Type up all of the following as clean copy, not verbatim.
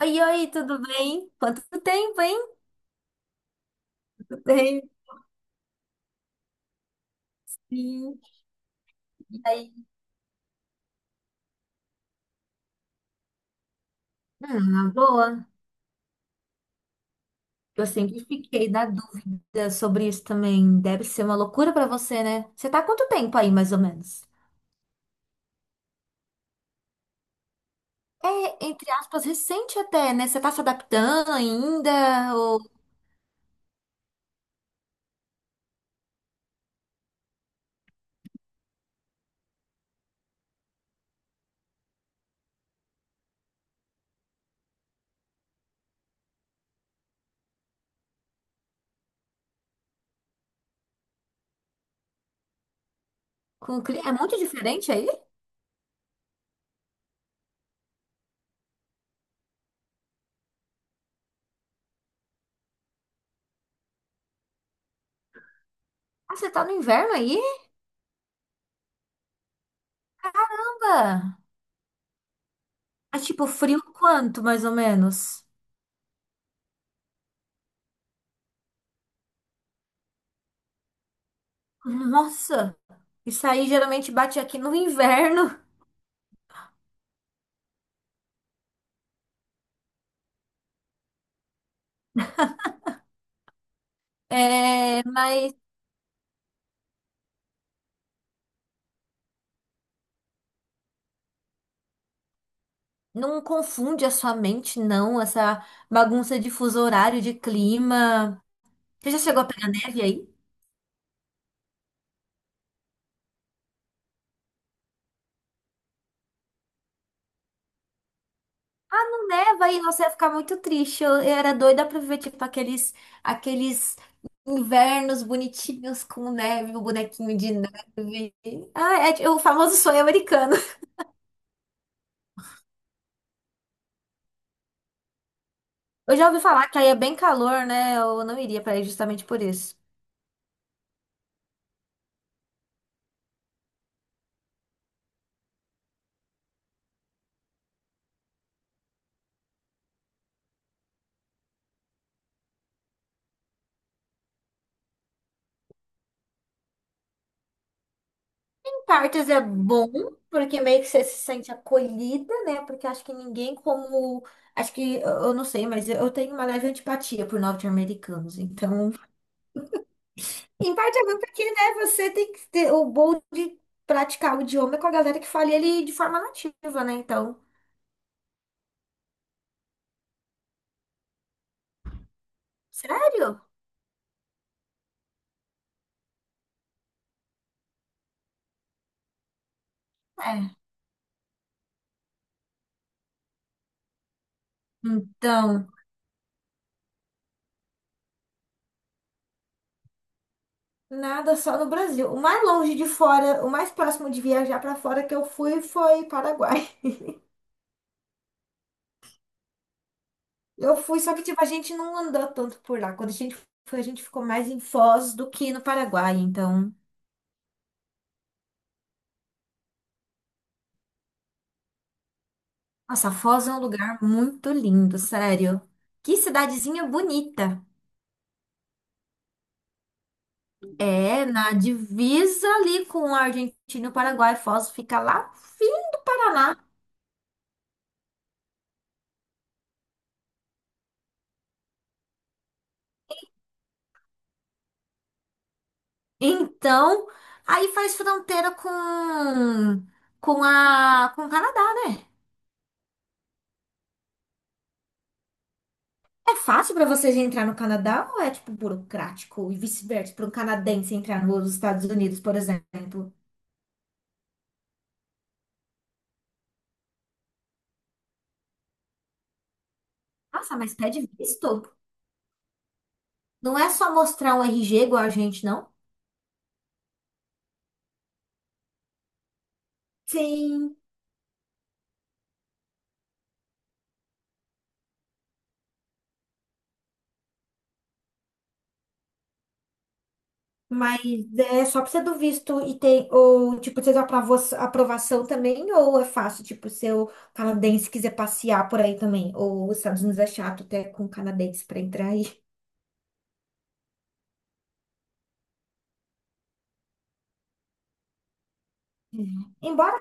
Oi, oi, tudo bem? Quanto tempo, hein? Quanto tempo, sim. E aí? Ah, na boa. Eu sempre fiquei na dúvida sobre isso também. Deve ser uma loucura pra você, né? Você tá há quanto tempo aí, mais ou menos? É, entre aspas, recente até, né? Você tá se adaptando ainda? Ou é muito diferente aí? Ah, você tá no inverno aí? Caramba! É tipo frio quanto, mais ou menos? Nossa! Isso aí geralmente bate aqui no inverno. É, mas não confunde a sua mente, não, essa bagunça de fuso horário, de clima. Você já chegou a pegar neve aí? Não neva aí, você ia ficar muito triste. Eu era doida pra ver, tipo, aqueles, aqueles invernos bonitinhos com neve, o bonequinho de neve. Ah, o famoso sonho americano. Eu já ouvi falar que aí é bem calor, né? Eu não iria pra aí justamente por isso. Partos é bom, porque meio que você se sente acolhida, né? Porque acho que ninguém como. Acho que, eu não sei, mas eu tenho uma leve antipatia por norte-americanos. Então, em parte é bom porque, né, você tem que ter o bom de praticar o idioma com a galera que fala ele de forma nativa, né? Então, sério? É. Então, nada, só no Brasil. O mais longe de fora, o mais próximo de viajar para fora que eu fui foi Paraguai. Eu fui, só que tipo, a gente não andou tanto por lá. Quando a gente foi, a gente ficou mais em Foz do que no Paraguai. Então, nossa, Foz é um lugar muito lindo, sério. Que cidadezinha bonita. É, na divisa ali com a Argentina e o Paraguai. Foz fica lá, fim do Paraná. Então, aí faz fronteira com o Canadá, né? É fácil pra vocês entrar no Canadá ou é tipo burocrático e vice-versa para um canadense entrar nos Estados Unidos, por exemplo? Nossa, mas pede visto. Não é só mostrar um RG igual a gente, não? Sim, mas é só precisa do visto e tem, ou tipo, precisa da aprovação também, ou é fácil, tipo, se o canadense quiser passear por aí também, ou os Estados Unidos é chato até com canadense pra entrar aí. Uhum. Embora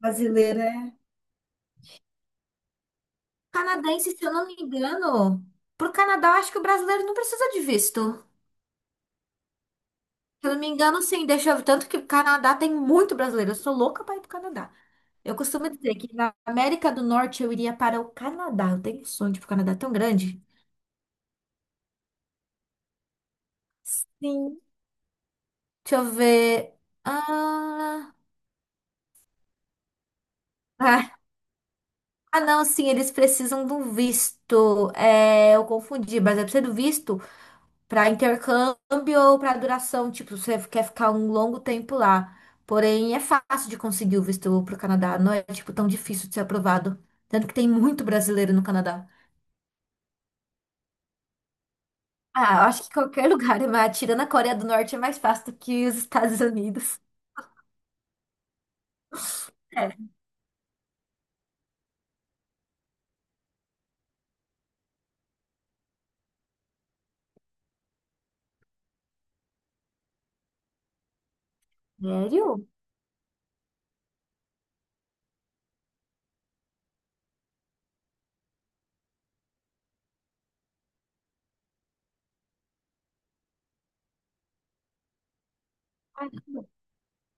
brasileira Canadense, se eu não me engano, pro Canadá, eu acho que o brasileiro não precisa de visto. Se eu não me engano, sim, deixa eu. Tanto que o Canadá tem muito brasileiro. Eu sou louca para ir pro Canadá. Eu costumo dizer que na América do Norte eu iria para o Canadá. Eu tenho um sonho de ir pro Canadá tão grande. Sim. Deixa eu ver. Ah, ah, ah, não, sim, eles precisam de um visto. É, eu confundi, mas é preciso do visto para intercâmbio ou para duração, tipo, você quer ficar um longo tempo lá. Porém, é fácil de conseguir o visto pro Canadá, não é tipo tão difícil de ser aprovado, tanto que tem muito brasileiro no Canadá. Ah, eu acho que qualquer lugar, mas tirando a Coreia do Norte é mais fácil do que os Estados Unidos. É. Sério?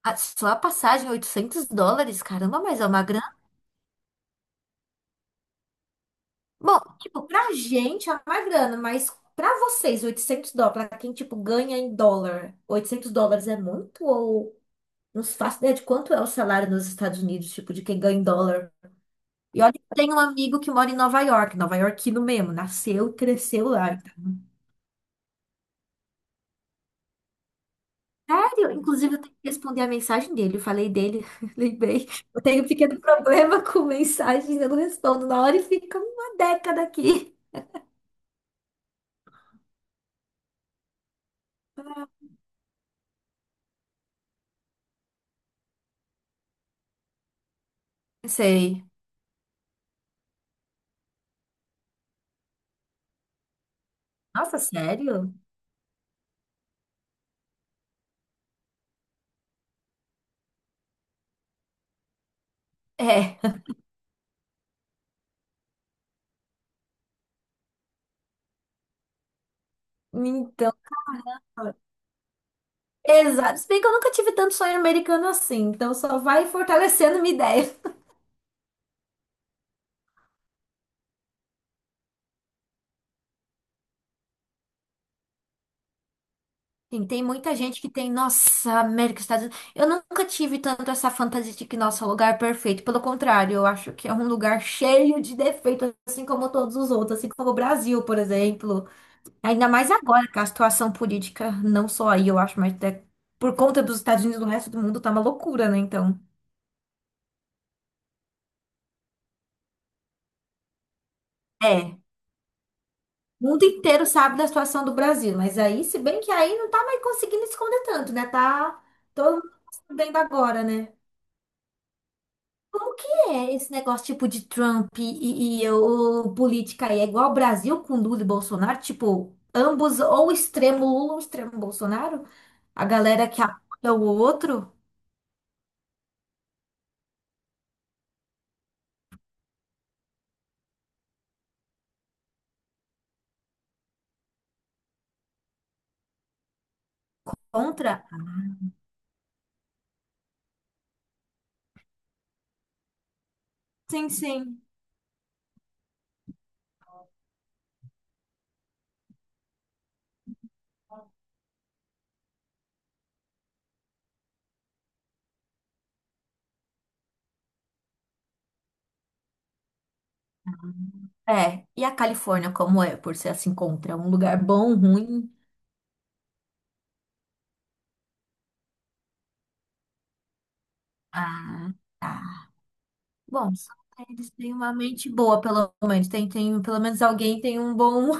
Ah, só a passagem, US$ 800, caramba, mas é uma grana. Bom, tipo, pra gente é uma grana, mas pra vocês, US$ 800, pra quem, tipo, ganha em dólar, US$ 800 é muito? Ou não se faço ideia de quanto é o salário nos Estados Unidos, tipo, de quem ganha em dólar. E olha, que eu tenho um amigo que mora em Nova York, Nova Yorkino mesmo, nasceu e cresceu lá. Então, sério? Inclusive, eu tenho que responder a mensagem dele. Eu falei dele, lembrei. Eu tenho um pequeno problema com mensagens, eu não respondo na hora e fica uma década aqui. Sei. Nossa, sério? É. Então, exato. Se bem que eu nunca tive tanto sonho americano assim, então só vai fortalecendo minha ideia. Sim, tem muita gente que tem, nossa, América, Estados Unidos. Eu nunca tive tanto essa fantasia de que, nossa, o lugar é perfeito. Pelo contrário, eu acho que é um lugar cheio de defeitos, assim como todos os outros, assim como o Brasil, por exemplo. Ainda mais agora, que a situação política, não só aí, eu acho, mas até por conta dos Estados Unidos, no resto do mundo tá uma loucura, né? Então, é. O mundo inteiro sabe da situação do Brasil, mas aí, se bem que aí não tá mais conseguindo esconder tanto, né? Tá todo mundo sabendo agora, né? Como que é esse negócio tipo de Trump e, e o política aí? É igual ao Brasil com Lula e Bolsonaro? Tipo, ambos ou extremo Lula ou extremo Bolsonaro? A galera que apoia o outro contra? Sim, sim. É. E a Califórnia como é? Por ser assim contra? É um lugar bom, ruim? Ah, tá. Bom, só que eles têm uma mente boa, pelo menos. Tem, pelo menos alguém tem um bom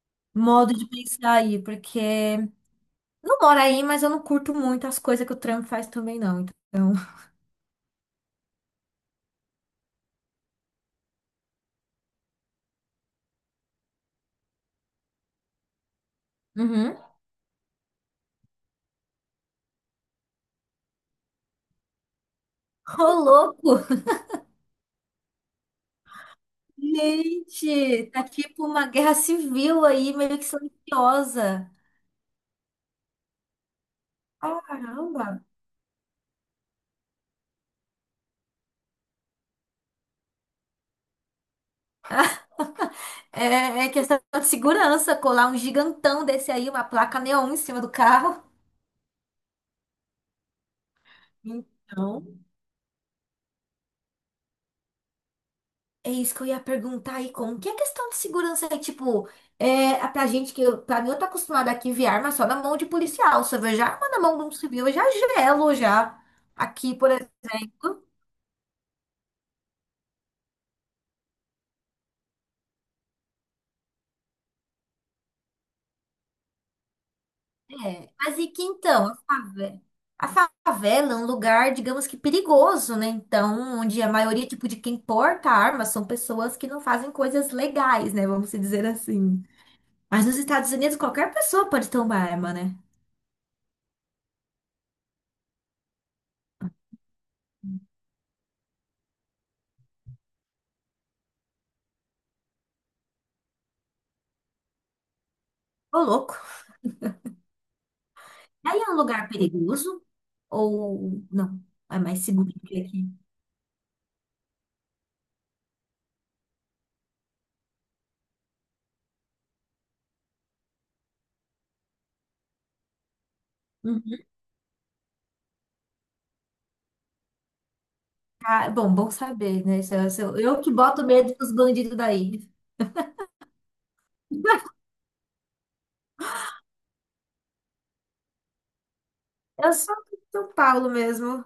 modo de pensar aí, porque não moro aí, mas eu não curto muito as coisas que o Trump faz também, não. Então. Uhum. Ô, louco! Gente, tá tipo uma guerra civil aí, meio que silenciosa. Caramba! É questão de segurança, colar um gigantão desse aí, uma placa neon em cima do carro. Então. É isso que eu ia perguntar aí, como que é a questão de segurança aí, tipo, pra gente que, pra mim, eu tô acostumada aqui a ver arma só na mão de policial, se eu vejo arma na mão de um civil, eu já gelo, já. Aqui, por exemplo, é. Mas e que então, a favela é um lugar, digamos que perigoso, né? Então, onde a maioria, tipo, de quem porta arma são pessoas que não fazem coisas legais, né? Vamos dizer assim. Mas nos Estados Unidos, qualquer pessoa pode ter uma arma, né? Ô, louco. Aí é um lugar perigoso ou não? É mais seguro do que aqui. Uhum. Ah, bom, bom saber, né? Se eu que boto medo dos bandidos daí. Eu sou de São Paulo mesmo.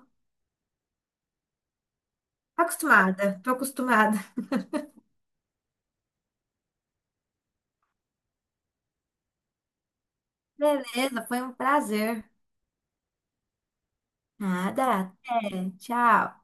Tô acostumada. Beleza, foi um prazer. Nada, até, tchau.